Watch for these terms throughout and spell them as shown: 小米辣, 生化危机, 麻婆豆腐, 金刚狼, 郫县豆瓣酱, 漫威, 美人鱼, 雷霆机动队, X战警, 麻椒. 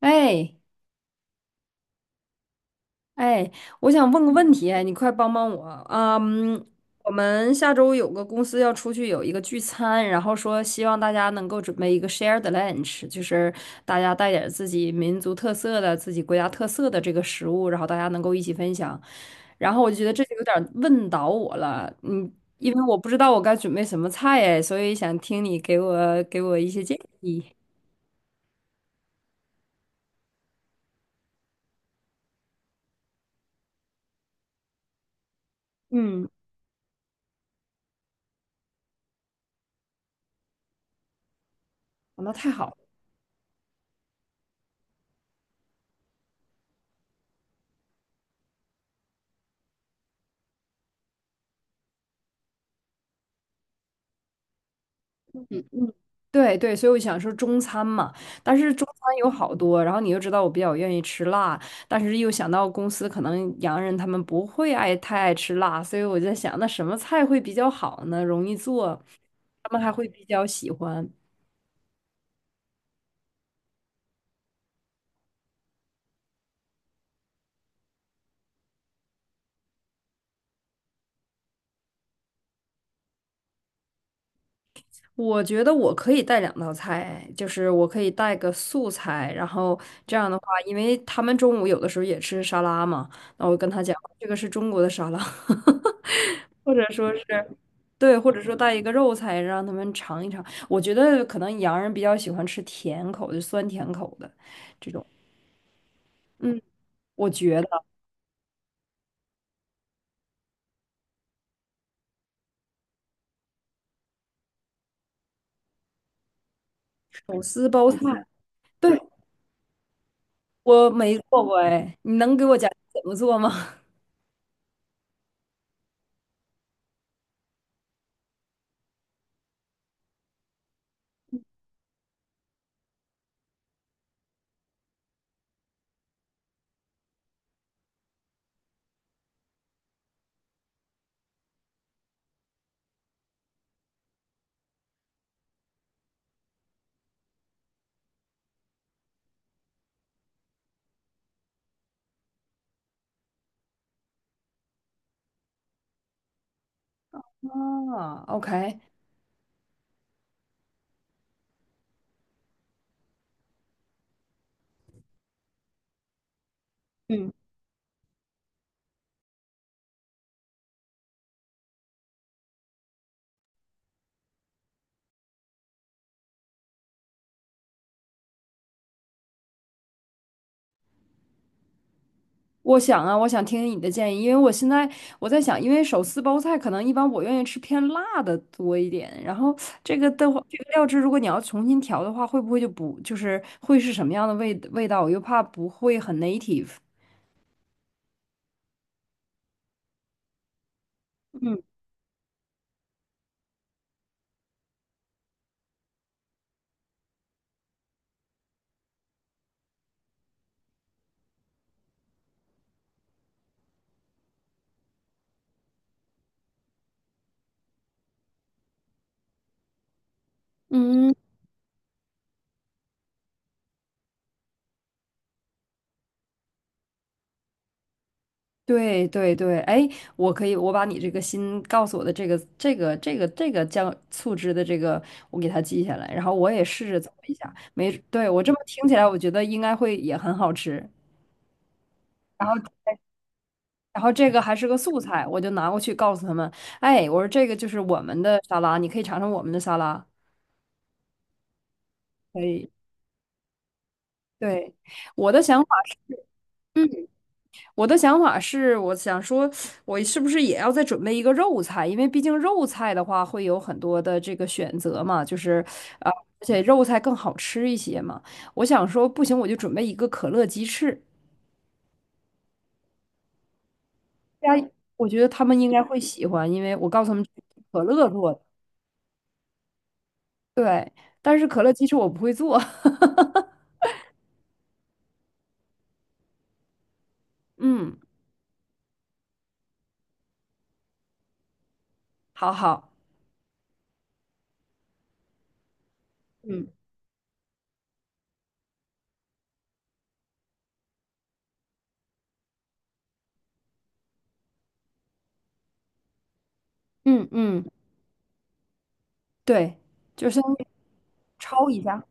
哎哎，我想问个问题，哎你快帮帮我啊！嗯，我们下周有个公司要出去有一个聚餐，然后说希望大家能够准备一个 shared lunch，就是大家带点儿自己民族特色的、自己国家特色的这个食物，然后大家能够一起分享。然后我就觉得这就有点儿问倒我了，因为我不知道我该准备什么菜，哎，所以想听你给我一些建议。嗯，那太好了。对对，所以我想说中餐嘛，但是中餐有好多，然后你又知道我比较愿意吃辣，但是又想到公司可能洋人他们不会爱太爱吃辣，所以我在想，那什么菜会比较好呢？容易做，他们还会比较喜欢。我觉得我可以带两道菜，就是我可以带个素菜，然后这样的话，因为他们中午有的时候也吃沙拉嘛，那我跟他讲，这个是中国的沙拉。或者说是，对，或者说带一个肉菜让他们尝一尝。我觉得可能洋人比较喜欢吃甜口的，酸甜口的。嗯，我觉得手撕包菜，对，我没做过哎，你能给我讲怎么做吗？啊，OK，嗯。我想啊，我想听听你的建议，因为我现在在想，因为手撕包菜可能一般我愿意吃偏辣的多一点，然后这个的话，这个料汁如果你要重新调的话，会不会就不就是会是什么样的味道？我又怕不会很 native。嗯嗯，对对对，哎，我可以，我把你这个新告诉我的这个酱醋汁的这个，我给它记下来，然后我也试着做一下，没，对，我这么听起来，我觉得应该会也很好吃。然后。然后这个还是个素菜，我就拿过去告诉他们，哎，我说这个就是我们的沙拉，你可以尝尝我们的沙拉。可以，对，我的想法是，嗯我想说，我是不是也要再准备一个肉菜？因为毕竟肉菜的话会有很多的这个选择嘛，就是啊，而且肉菜更好吃一些嘛。我想说，不行，我就准备一个可乐鸡翅，大家，我觉得他们应该会喜欢，因为我告诉他们可乐做的，对，但是可乐鸡翅我不会做。嗯，好好，嗯，嗯嗯，对，就相当于焯一下，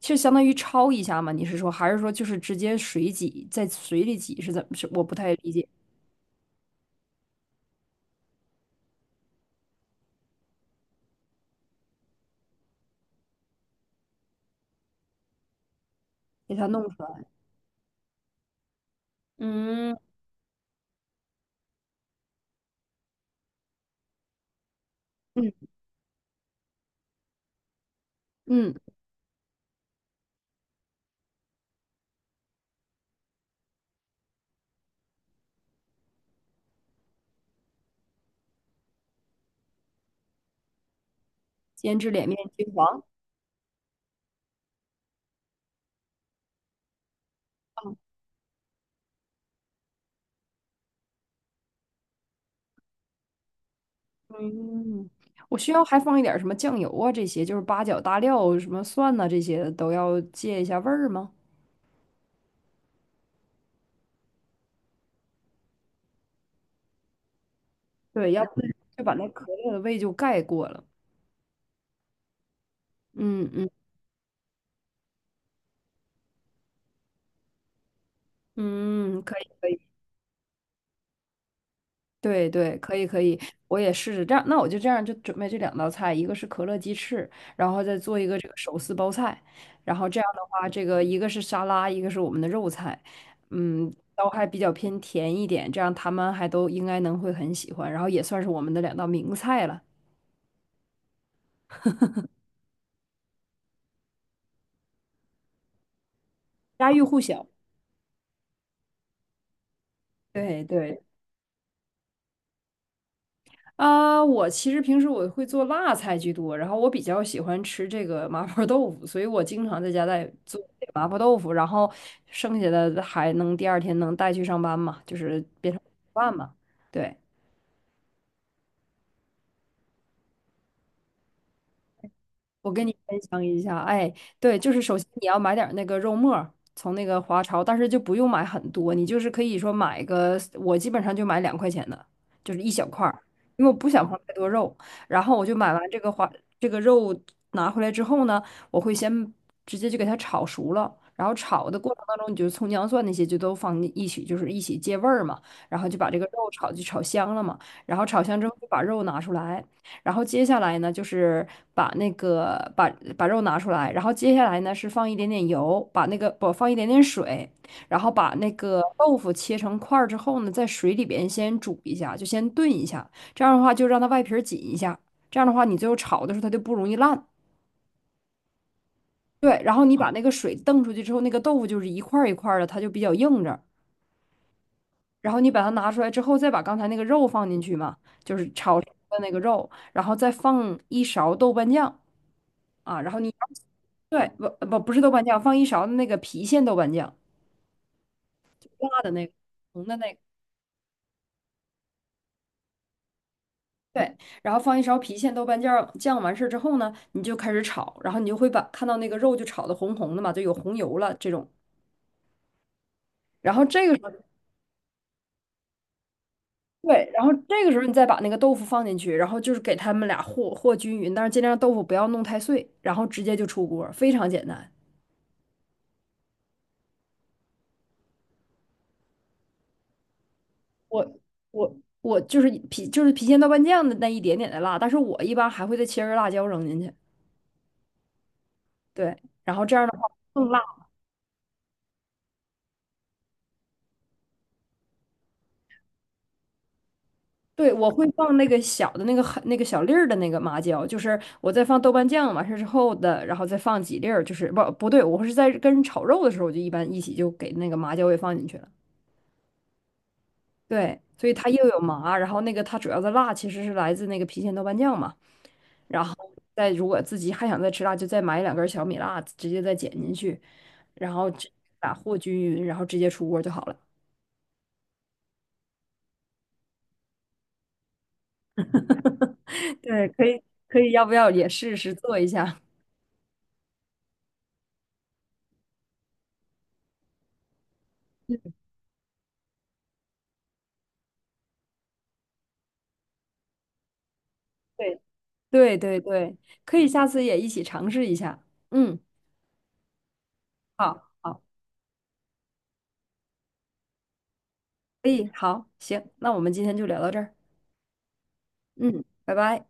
就相当于焯一下嘛。你是说，还是说就是直接水挤，在水里挤是怎么？是我不太理解，给它弄出来。嗯嗯嗯，煎至两面金黄。嗯，我需要还放一点儿什么酱油啊，这些就是八角、大料、什么蒜呐、这些都要借一下味儿吗？对，要不然就把那可乐的味就盖过了。嗯嗯嗯，可以可以。对对，可以可以，我也试试这样。那我就这样就准备这两道菜，一个是可乐鸡翅，然后再做一个这个手撕包菜。然后这样的话，这个一个是沙拉，一个是我们的肉菜，嗯，都还比较偏甜一点，这样他们还都应该能会很喜欢。然后也算是我们的两道名菜了，家喻户晓。对对。啊，我其实平时我会做辣菜居多，然后我比较喜欢吃这个麻婆豆腐，所以我经常在家在做这个麻婆豆腐，然后剩下的还能第二天能带去上班嘛，就是变成饭嘛。对，我跟你分享一下，哎，对，就是首先你要买点儿那个肉末儿，从那个华超，但是就不用买很多，你就是可以说买个，我基本上就买两块钱的，就是一小块儿，因为我不想放太多肉。然后我就买完这个华这个肉拿回来之后呢，我会先直接就给它炒熟了，然后炒的过程当中，你就葱姜蒜那些就都放一起，就是一起借味儿嘛，然后就把这个肉炒就炒香了嘛，然后炒香之后就把肉拿出来。然后接下来呢，就是把那个把把肉拿出来，然后接下来呢是放一点点油，把那个不放一点点水，然后把那个豆腐切成块儿之后呢，在水里边先煮一下，就先炖一下，这样的话就让它外皮儿紧一下，这样的话你最后炒的时候它就不容易烂。对，然后你把那个水瞪出去之后，那个豆腐就是一块儿一块儿的，它就比较硬着。然后你把它拿出来之后，再把刚才那个肉放进去嘛，就是炒成的那个肉，然后再放一勺豆瓣酱。啊，然后你要对不不不是豆瓣酱，放一勺的那个郫县豆瓣酱，辣的那个红的那个，对，然后放一勺郫县豆瓣酱，完事儿之后呢，你就开始炒，然后你就会把看到那个肉就炒的红红的嘛，就有红油了这种。然后这个时候，对，然后这个时候你再把那个豆腐放进去，然后就是给他们俩和均匀，但是尽量豆腐不要弄太碎，然后直接就出锅，非常简单。我我我就是郫县豆瓣酱的那一点点的辣，但是我一般还会再切根辣椒扔进去。对，然后这样的话更辣。对，我会放那个小的那个很那个小粒儿的那个麻椒，就是我再放豆瓣酱完事儿之后的，然后再放几粒儿，就是不不对，我是在跟炒肉的时候，我就一般一起就给那个麻椒也放进去了。对，所以它又有麻，然后那个它主要的辣其实是来自那个郫县豆瓣酱嘛，然后再如果自己还想再吃辣，就再买两根小米辣，直接再剪进去，然后直打和均匀，然后直接出锅就好了。对，可以可以，要不要也试试做一下？对。对对对，可以下次也一起尝试一下。嗯，好，好，可以，好，行，那我们今天就聊到这儿。嗯，拜拜。